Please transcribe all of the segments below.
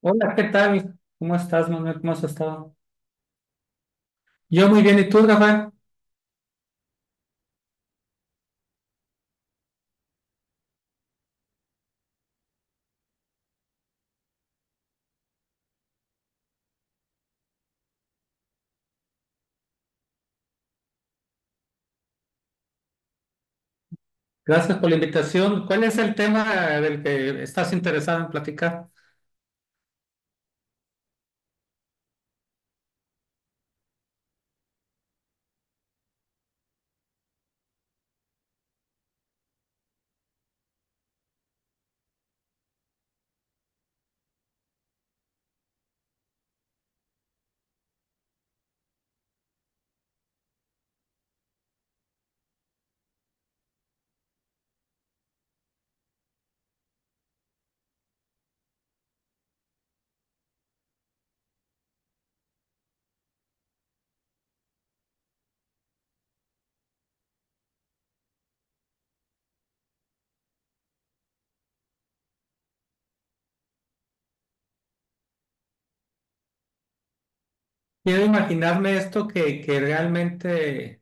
Hola, ¿qué tal? ¿Cómo estás, Manuel? ¿Cómo has estado? Yo muy bien, ¿y tú, Rafael? Gracias por la invitación. ¿Cuál es el tema del que estás interesado en platicar? Quiero imaginarme esto que realmente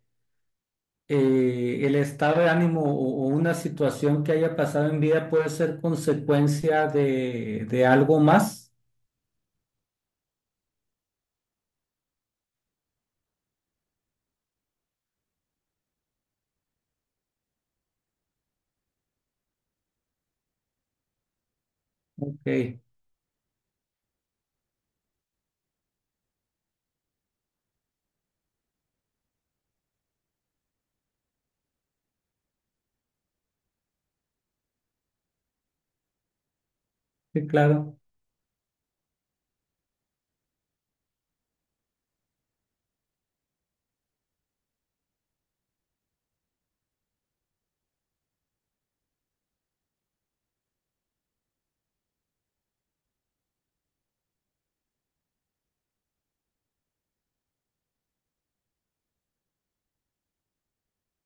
el estado de ánimo o una situación que haya pasado en vida puede ser consecuencia de algo más. Ok, sí, claro.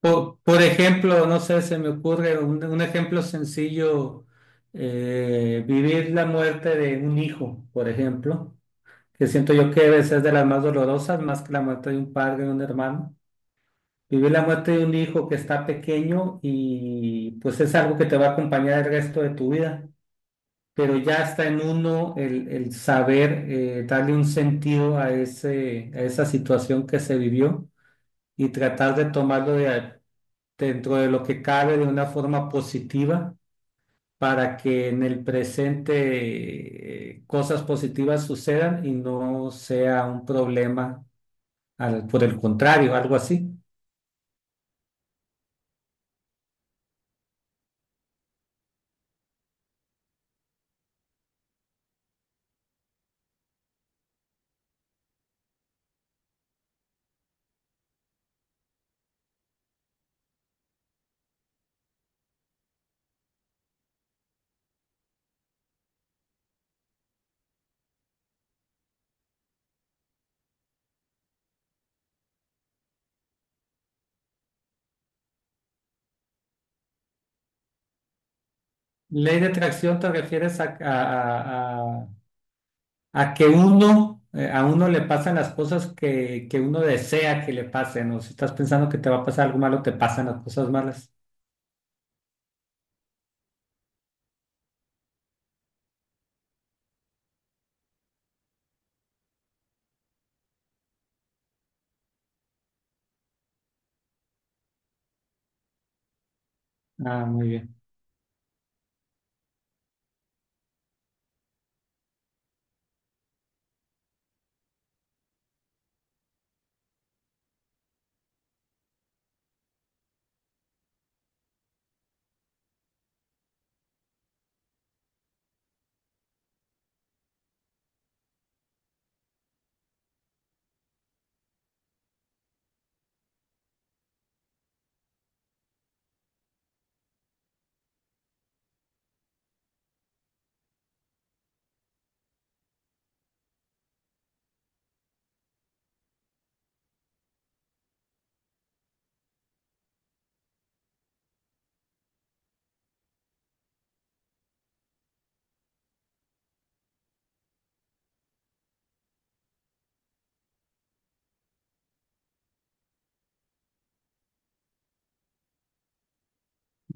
Por ejemplo, no sé, se me ocurre un ejemplo sencillo, vivir la muerte de un hijo, por ejemplo, que siento yo que a veces es de las más dolorosas, más que la muerte de un padre o un hermano. Vivir la muerte de un hijo que está pequeño y pues es algo que te va a acompañar el resto de tu vida, pero ya está en uno el saber darle un sentido a a esa situación que se vivió y tratar de tomarlo de, dentro de lo que cabe de una forma positiva para que en el presente cosas positivas sucedan y no sea un problema, al- por el contrario, algo así. Ley de atracción te refieres a, que uno, a uno le pasan las cosas que uno desea que le pasen, o si estás pensando que te va a pasar algo malo, te pasan las cosas malas. Ah, muy bien.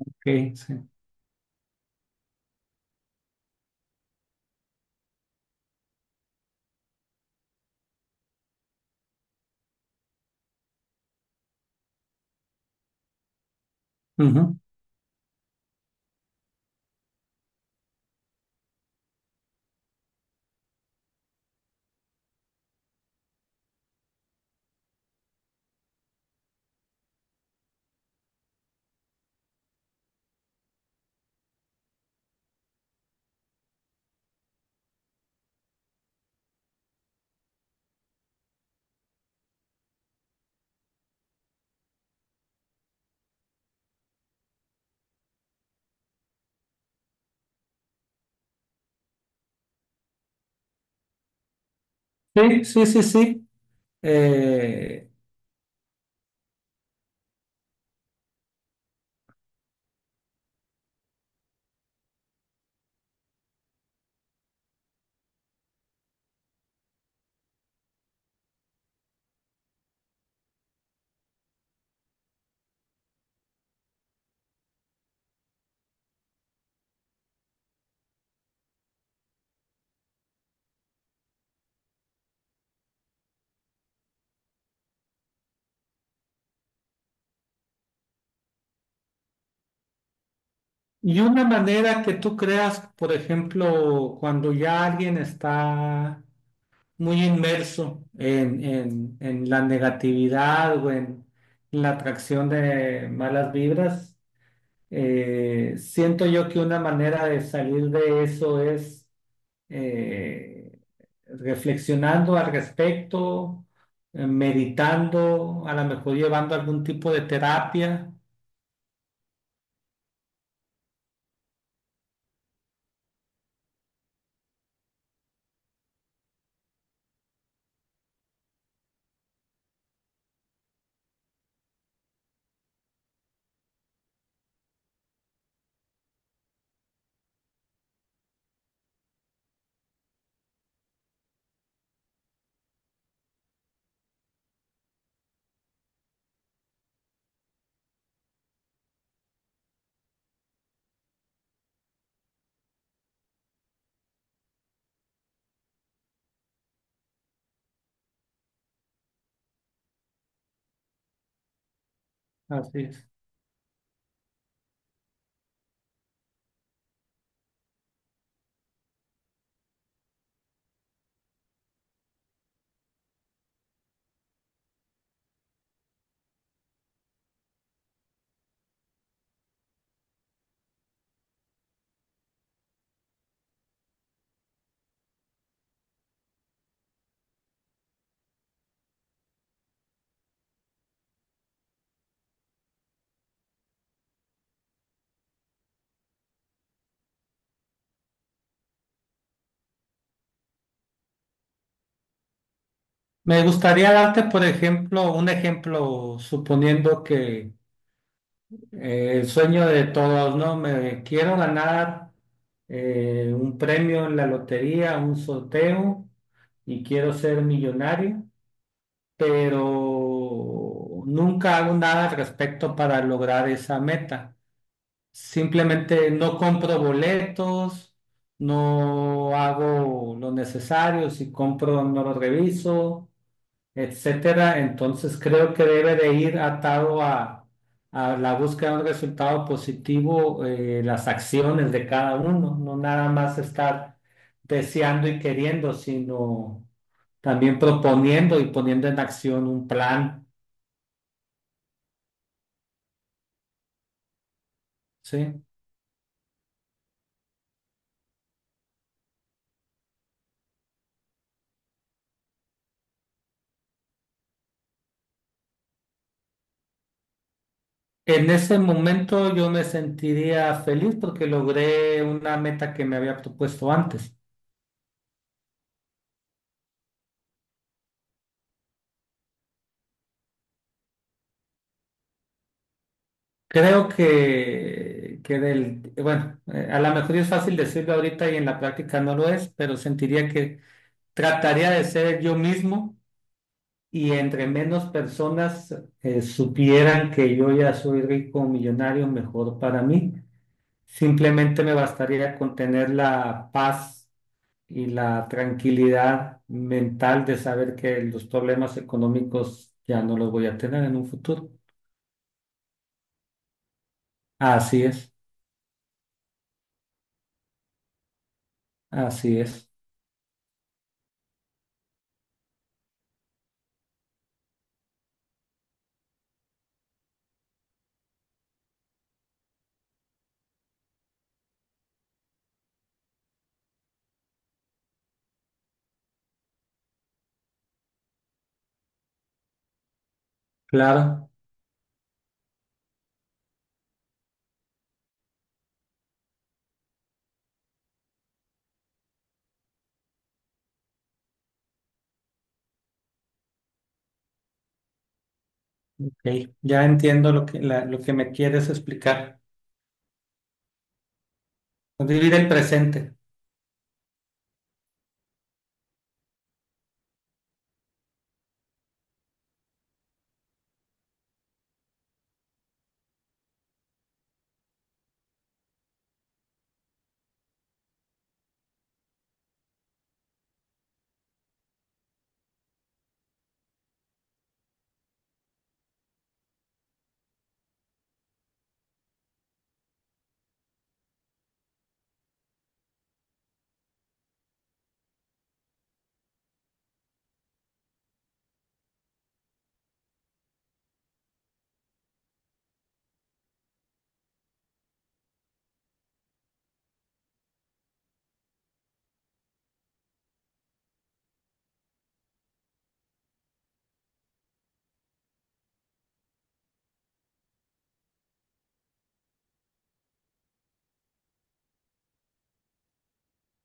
Okay, sí. Ujú. Sí, sí, sí, sí. Eh, Y una manera que tú creas, por ejemplo, cuando ya alguien está muy inmerso en la negatividad o en la atracción de malas vibras, siento yo que una manera de salir de eso es eh, reflexionando al respecto, meditando, a lo mejor llevando algún tipo de terapia. Así es. Me gustaría darte, por ejemplo, un ejemplo, suponiendo que el sueño de todos, ¿no? Me quiero ganar un premio en la lotería, un sorteo, y quiero ser millonario, pero nunca hago nada al respecto para lograr esa meta. Simplemente no compro boletos, no hago lo necesario, si compro no lo reviso, etcétera. Entonces creo que debe de ir atado a la búsqueda de un resultado positivo, las acciones de cada uno, no nada más estar deseando y queriendo, sino también proponiendo y poniendo en acción un plan, ¿sí? En ese momento yo me sentiría feliz porque logré una meta que me había propuesto antes. Creo que del, bueno, a lo mejor es fácil decirlo ahorita y en la práctica no lo es, pero sentiría que trataría de ser yo mismo y entre menos personas supieran que yo ya soy rico o millonario, mejor para mí. Simplemente me bastaría con tener la paz y la tranquilidad mental de saber que los problemas económicos ya no los voy a tener en un futuro. Así es, así es, claro. Ok, ya entiendo lo que, lo que me quieres explicar. Vivir el presente.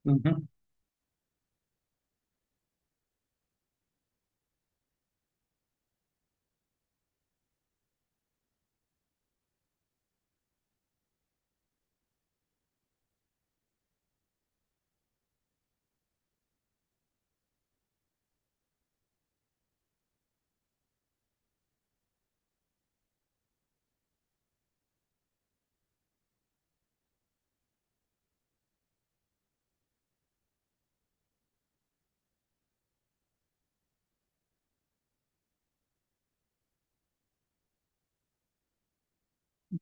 Ujú.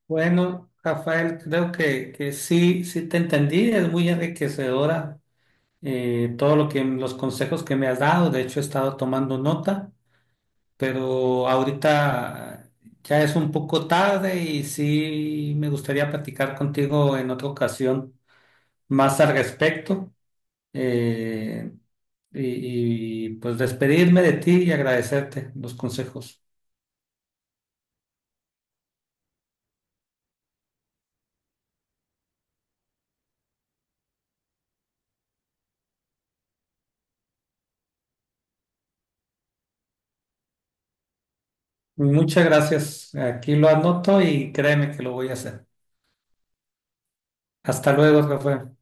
Bueno, Rafael, creo que sí, sí te entendí. Es muy enriquecedora todo lo que los consejos que me has dado. De hecho, he estado tomando nota, pero ahorita ya es un poco tarde y sí me gustaría platicar contigo en otra ocasión más al respecto. eh, y, y, pues despedirme de ti y agradecerte los consejos. Muchas gracias. Aquí lo anoto y créeme que lo voy a hacer. Hasta luego, Rafael.